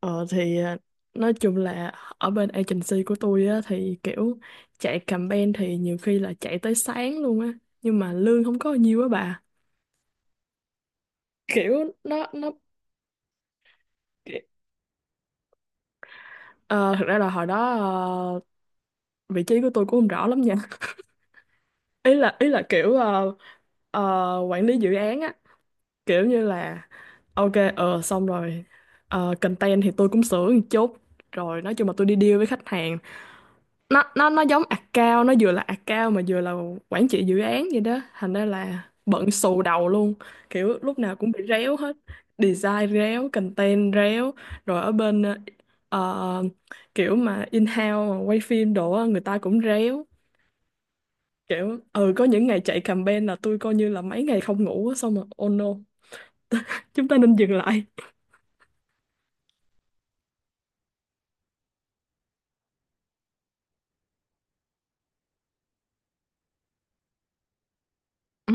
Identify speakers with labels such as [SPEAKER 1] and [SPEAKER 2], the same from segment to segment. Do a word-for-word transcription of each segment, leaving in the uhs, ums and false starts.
[SPEAKER 1] Ờ thì à, nói chung là ở bên agency của tôi á thì kiểu chạy campaign thì nhiều khi là chạy tới sáng luôn á, nhưng mà lương không có nhiều á bà, kiểu nó nó Ờ, Thực ra là hồi đó ờ, vị trí của tôi cũng không rõ lắm nha. ý là ý là kiểu ờ, ờ, quản lý dự án á, kiểu như là ok, ờ xong rồi. Ờ, content thì tôi cũng sửa một chút, rồi nói chung là tôi đi deal với khách hàng. Nó nó nó giống account, nó vừa là account mà vừa là quản trị dự án vậy đó, thành ra là bận xù đầu luôn. Kiểu lúc nào cũng bị réo hết, design réo, content réo, rồi ở bên ờ, kiểu mà in-house mà quay phim đồ á, người ta cũng réo. Kiểu ừ, có những ngày chạy campaign là tôi coi như là mấy ngày không ngủ á, xong rồi oh no, chúng ta nên dừng lại. Ừ,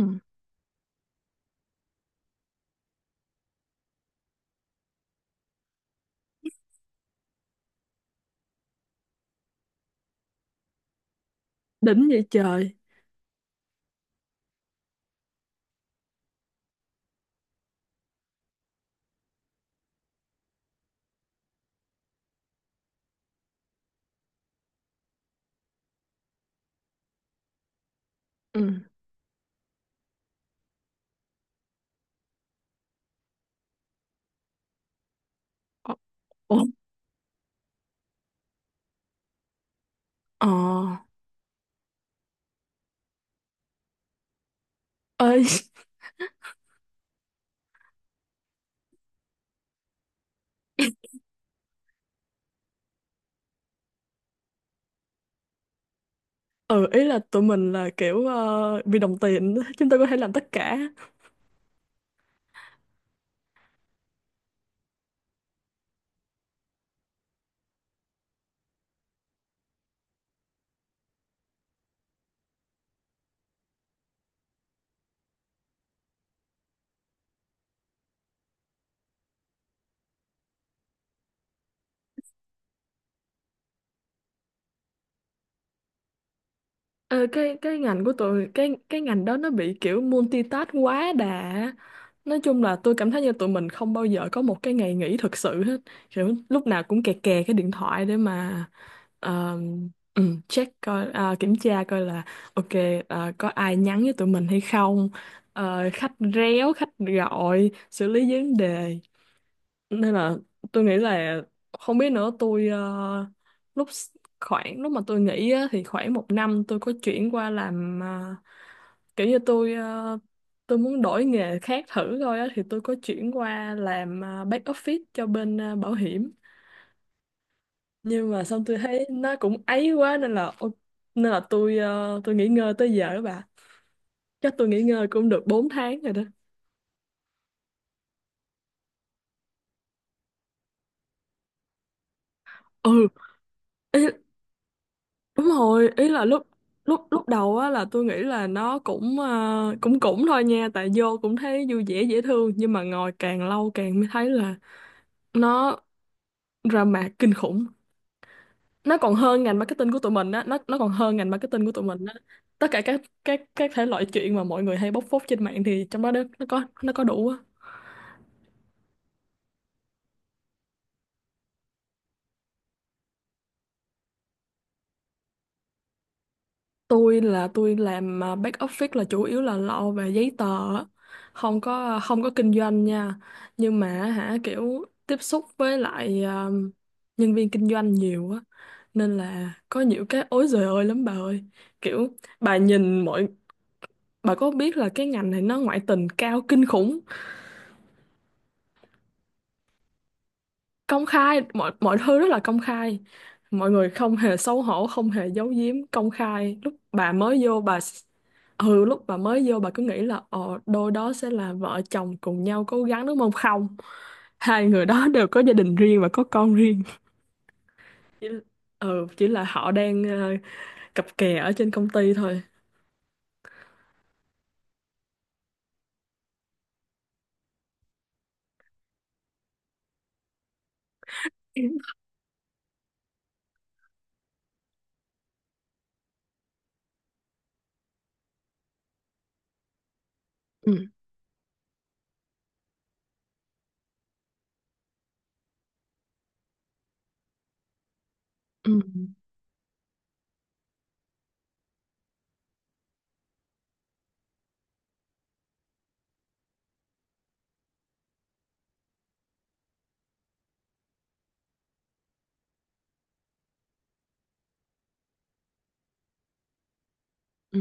[SPEAKER 1] đỉnh vậy trời. Ừ. Ồ. Ồ, ờ. Ê, ừ, ý là tụi mình là kiểu ờ, vì đồng tiền chúng ta có thể làm tất cả. Ờ, cái cái ngành của tụi cái cái ngành đó nó bị kiểu multitask quá đà. Nói chung là tôi cảm thấy như tụi mình không bao giờ có một cái ngày nghỉ thực sự hết, kiểu lúc nào cũng kè kè cái điện thoại để mà ờ, ừ, check coi à, kiểm tra coi là ok, ờ, có ai nhắn với tụi mình hay không, ờ, khách réo, khách gọi, xử lý vấn đề. Nên là tôi nghĩ là không biết nữa, tôi ờ, lúc s- khoảng lúc mà tôi nghỉ á, thì khoảng một năm tôi có chuyển qua làm ờ, kiểu như tôi ờ, tôi muốn đổi nghề khác thử thôi á, thì tôi có chuyển qua làm ờ, back office cho bên ờ, bảo hiểm. Nhưng mà xong tôi thấy nó cũng ấy quá nên là ô- nên là tôi ờ, tôi nghỉ ngơi tới giờ đó bà. Chắc tôi nghỉ ngơi cũng được bốn tháng rồi đó. Ừ. Đúng rồi, ý là lúc lúc lúc đầu á là tôi nghĩ là nó cũng ờ, cũng cũng thôi nha, tại vô cũng thấy vui vẻ dễ thương, nhưng mà ngồi càng lâu càng mới thấy là nó drama kinh khủng. Nó còn hơn ngành marketing của tụi mình á, nó nó còn hơn ngành marketing của tụi mình á. Tất cả các các các thể loại chuyện mà mọi người hay bóc phốt trên mạng thì trong đó nó nó có nó có đủ á. Tôi là tôi làm à, back office là chủ yếu là lo về giấy tờ á. Không có à, không có kinh doanh nha. Nhưng mà hả, kiểu tiếp xúc với lại à, nhân viên kinh doanh nhiều á, nên là có nhiều cái ối giời ơi lắm bà ơi. Kiểu bà nhìn mọi, bà có biết là cái ngành này nó ngoại tình cao kinh khủng, công khai, mọi mọi thứ rất là công khai. Mọi người không hề xấu hổ, không hề giấu giếm, công khai. Lúc bà mới vô bà s- ừ, lúc bà mới vô bà cứ nghĩ là ờ đôi đó sẽ là vợ chồng cùng nhau cố gắng đúng không. Không, hai người đó đều có gia đình riêng và có con riêng. chỉ, ừ, chỉ là họ đang ờ, cặp kè ở trên công ty thôi. Ừ. Ừ. Ừ,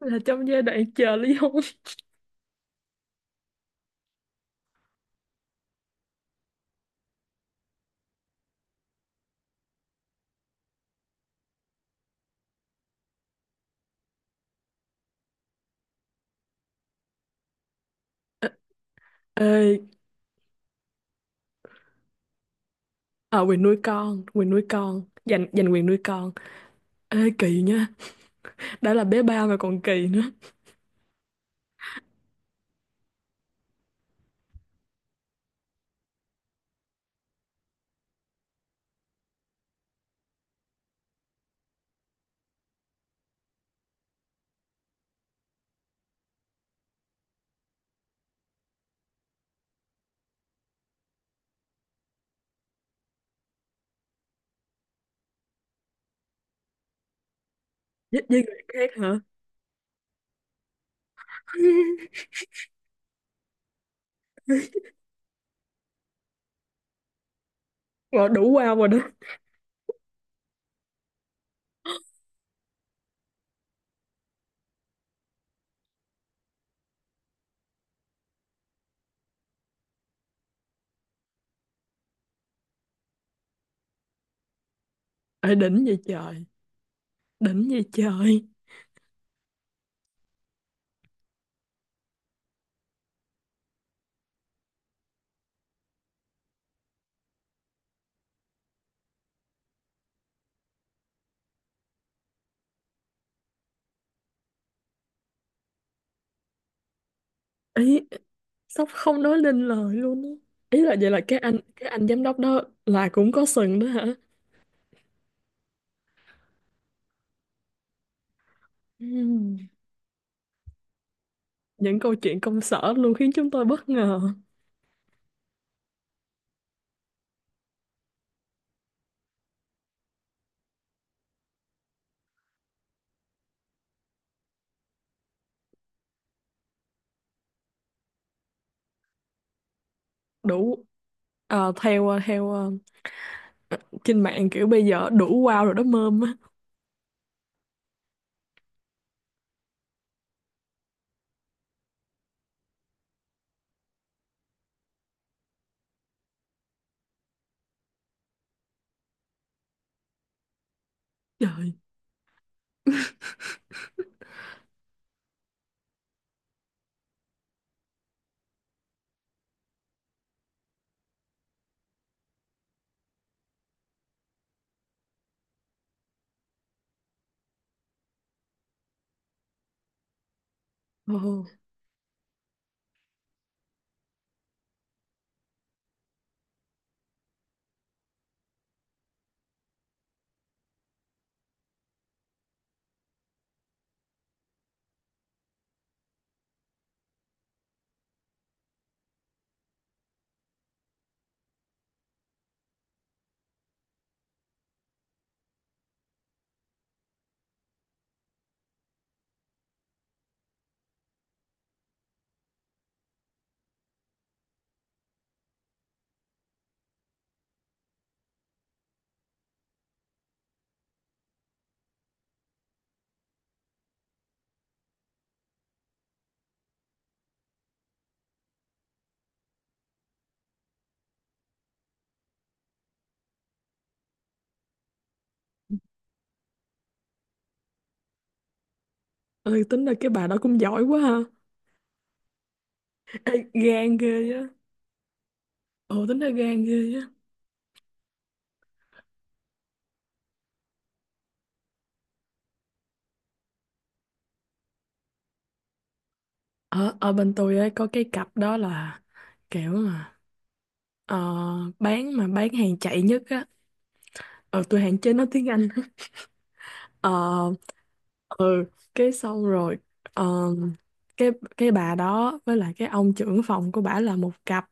[SPEAKER 1] là trong giai đoạn chờ ly hôn. Ê. Ờ, quyền nuôi con, quyền nuôi con, giành giành quyền nuôi con. Ê kỳ nha, đã là bé ba mà còn kỳ nữa. Với, với người khác hả? Rồi đủ wow rồi đó. Ê đỉnh vậy trời, đỉnh vậy trời. Ý sắp không nói lên lời luôn á. Ý là vậy là cái anh cái anh giám đốc đó là cũng có sừng đó hả? Ừm. Những câu chuyện công sở luôn khiến chúng tôi bất ngờ. Đủ ờ, theo ờ, theo ờ, trên mạng kiểu bây giờ đủ wow rồi đó mơm á. Trời. Ồ. Ơi, tính ra cái bà đó cũng giỏi quá ha. Ê, gan ghê á. Ồ, tính ra gan ghê á. Ở ở bên tôi ấy, có cái cặp đó là kiểu mà ờ, bán mà bán hàng chạy nhất á. Ờ, tôi hạn chế nói tiếng Anh. Ờ. Ừ. Cái xong rồi ờ, cái cái bà đó với lại cái ông trưởng phòng của bà là một cặp.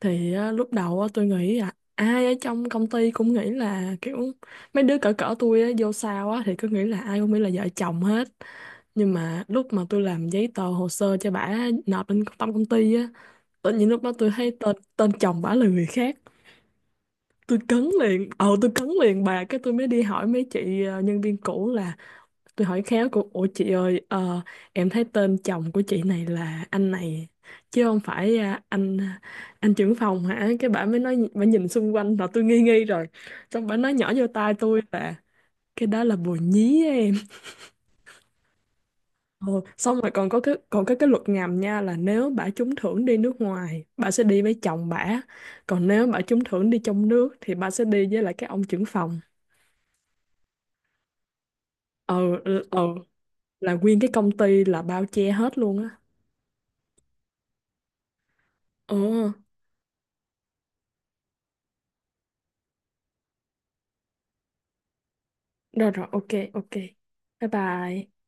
[SPEAKER 1] Thì á, lúc đầu á, tôi nghĩ là ai ở trong công ty cũng nghĩ là kiểu mấy đứa cỡ cỡ tôi á, vô sau á, thì cứ nghĩ là ai cũng nghĩ là vợ chồng hết. Nhưng mà lúc mà tôi làm giấy tờ hồ sơ cho bả nộp lên trong công ty á, tự nhiên lúc đó tôi thấy tên tên chồng bả là người khác. Tôi cấn liền, ờ tôi cấn liền bà, cái tôi mới đi hỏi mấy chị ờ, nhân viên cũ là. Tôi hỏi khéo của ủa chị ơi, ờ, em thấy tên chồng của chị này là anh này chứ không phải à, anh anh trưởng phòng hả, cái bà mới nói, bà nhìn xung quanh là tôi nghi nghi rồi, xong bà nói nhỏ vô tai tôi là cái đó là bồ nhí á em. Ồ, xong rồi còn có cái còn có cái luật ngầm nha, là nếu bà trúng thưởng đi nước ngoài bà sẽ đi với chồng bà, còn nếu bà trúng thưởng đi trong nước thì bà sẽ đi với lại cái ông trưởng phòng. Ờ. Ừ, ờ, là nguyên cái công ty là bao che hết luôn á. Ờ. Được rồi, ok, ok. Bye bye.